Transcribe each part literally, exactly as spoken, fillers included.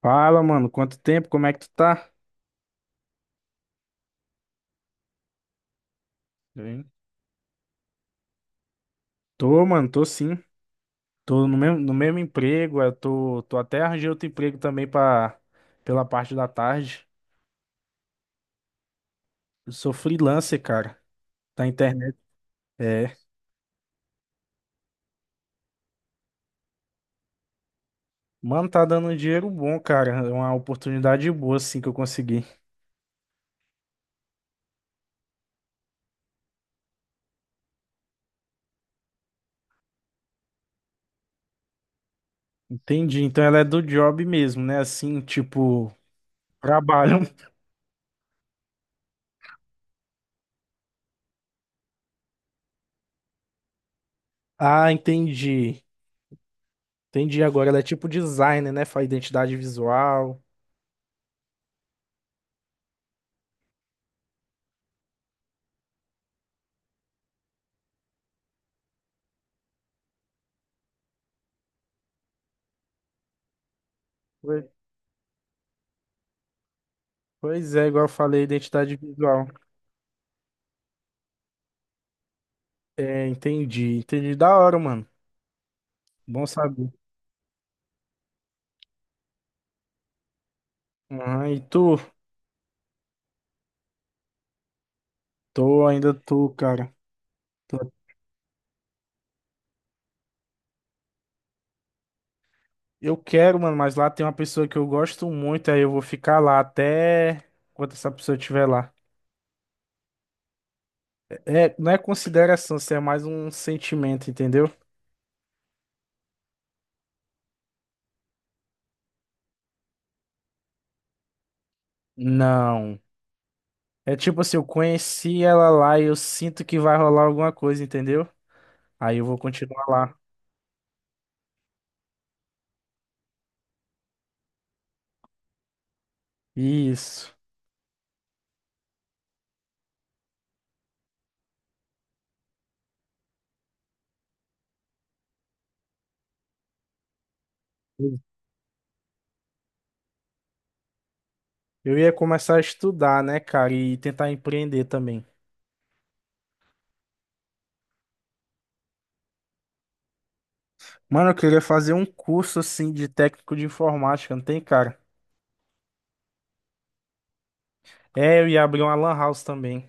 Fala, mano, quanto tempo? Como é que tu tá? Bem. Tô, mano, tô sim. Tô no mesmo, no mesmo emprego, eu tô, tô até arranjei outro emprego também pra, pela parte da tarde. Eu sou freelancer, cara, da internet. É. Mano, tá dando um dinheiro bom, cara. É uma oportunidade boa, assim, que eu consegui. Entendi. Então ela é do job mesmo, né? Assim, tipo, trabalho. Ah, entendi. Entendi agora. Ela é tipo designer, né? Faz identidade visual. Pois pois é, igual eu falei, identidade visual. É, entendi, entendi. Da hora, mano. Bom saber. Ah, e tu? Tô, ainda tô, cara. Tô- Eu quero, mano, mas lá tem uma pessoa que eu gosto muito, aí eu vou ficar lá até quando essa pessoa estiver lá. É, não é consideração, isso é mais um sentimento, entendeu? Não. É tipo assim, eu conheci ela lá e eu sinto que vai rolar alguma coisa, entendeu? Aí eu vou continuar lá. Isso. Eu ia começar a estudar, né, cara, e tentar empreender também. Mano, eu queria fazer um curso assim de técnico de informática, não tem, cara? É, eu ia abrir uma lan house também.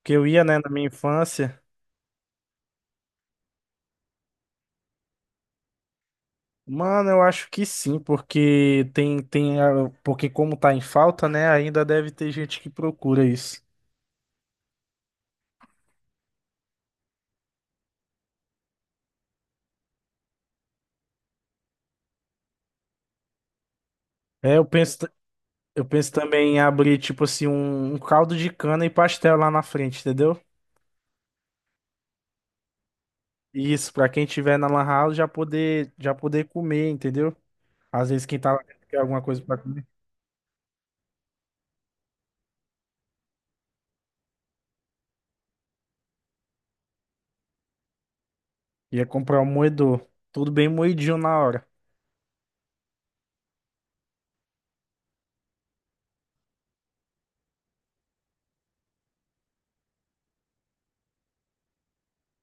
Porque eu ia, né, na minha infância. Mano, eu acho que sim, porque tem, tem, a- porque como tá em falta, né, ainda deve ter gente que procura isso. É, eu penso, t- eu penso também em abrir, tipo assim, um, um caldo de cana e pastel lá na frente, entendeu? Isso, pra quem tiver na lan house já poder, já poder comer, entendeu? Às vezes quem tá lá dentro quer alguma coisa pra comer, ia comprar um moedor. Tudo bem moidinho na hora.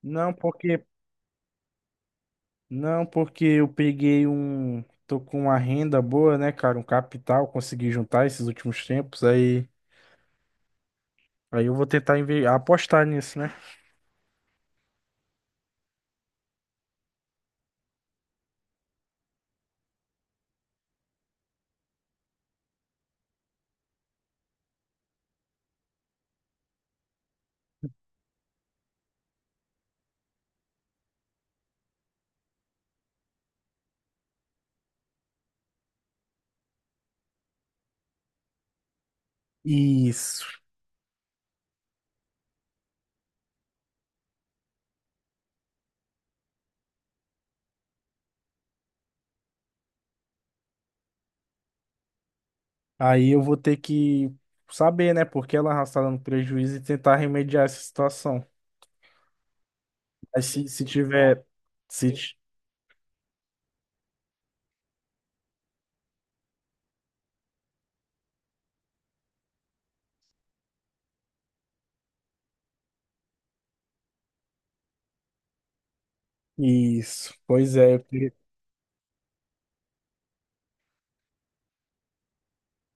Não, porque não, porque eu peguei um, tô com uma renda boa, né, cara, um capital, consegui juntar esses últimos tempos, aí aí eu vou tentar inve- apostar nisso, né? Isso. Aí eu vou ter que saber, né, porque ela está dando prejuízo e tentar remediar essa situação. Aí se, se tiver se ti- isso, pois é, eu queria-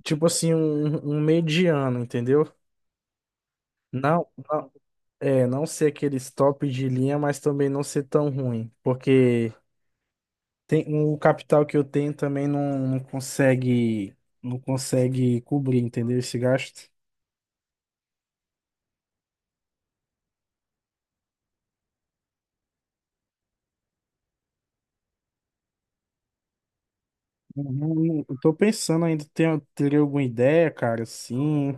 tipo assim um, um mediano, entendeu? Não, não, é, não ser aquele top de linha, mas também não ser tão ruim, porque tem, o capital que eu tenho também não, não consegue, não consegue cobrir, entendeu? Esse gasto. Não, não- eu tô pensando ainda, tenho, teria alguma ideia, cara? Sim.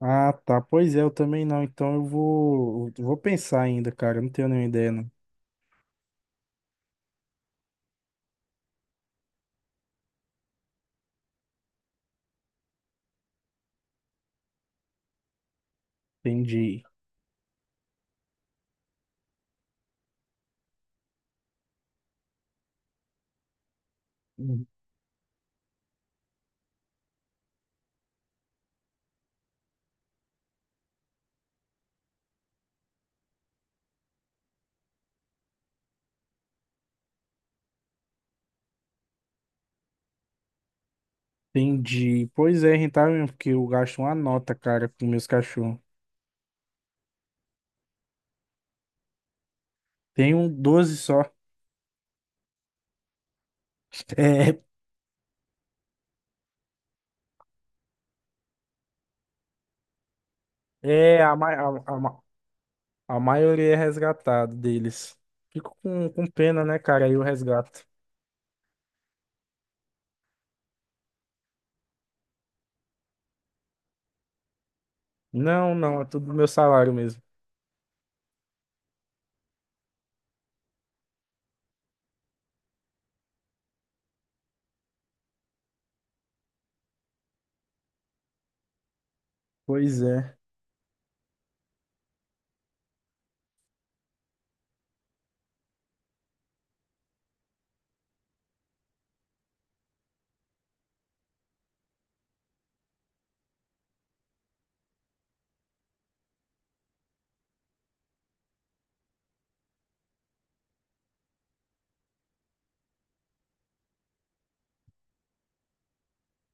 Ah, tá. Pois é, eu também não. Então eu vou, eu vou pensar ainda, cara. Eu não tenho nenhuma ideia, não. Entendi. Entendi. Pois é, é rentável mesmo, porque eu gasto uma nota, cara, com meus cachorros. Tem um doze só. É, é a, ma- a, a, ma- a maioria é resgatado deles. Fico com, com pena, né, cara? Aí o resgato. Não, não, é tudo do meu salário mesmo. Pois é,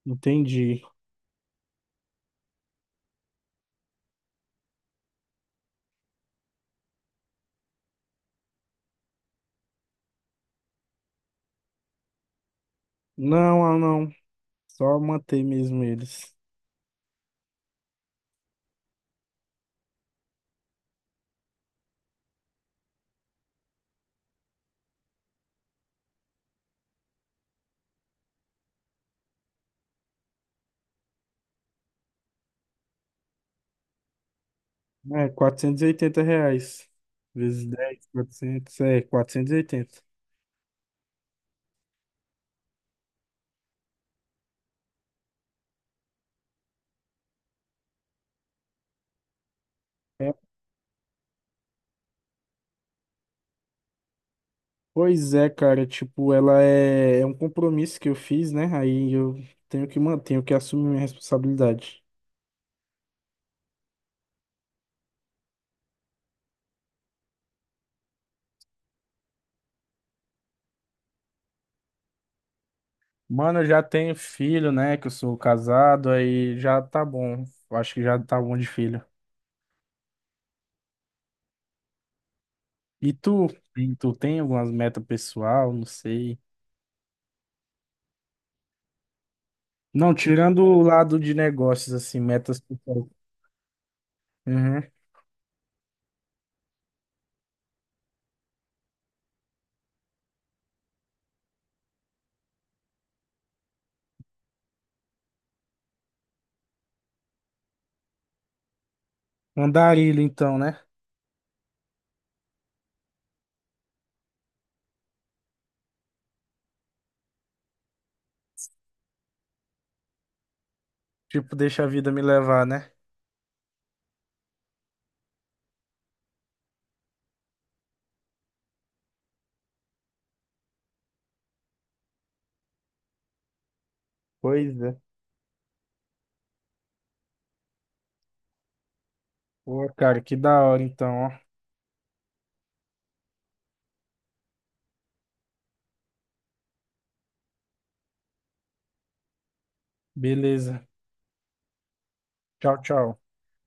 entendi. Não, ah, não. Só manter mesmo eles. É, quatrocentos e oitenta reais. Vezes dez quatrocentos é, quatrocentos e oitenta. É, pois é, cara, tipo, ela é, é um compromisso que eu fiz, né? Aí eu tenho que manter, tenho que assumir minha responsabilidade. Mano, eu já tenho filho, né? Que eu sou casado, aí já tá bom. Eu acho que já tá bom de filho. E tu? E tu tem algumas metas pessoal? Não sei. Não, tirando o lado de negócios, assim, metas pessoais. Uhum. Andarilho, então, né? Tipo, deixa a vida me levar, né? Pois é. Pô, cara, que da hora, então, ó. Beleza. Tchau, tchau.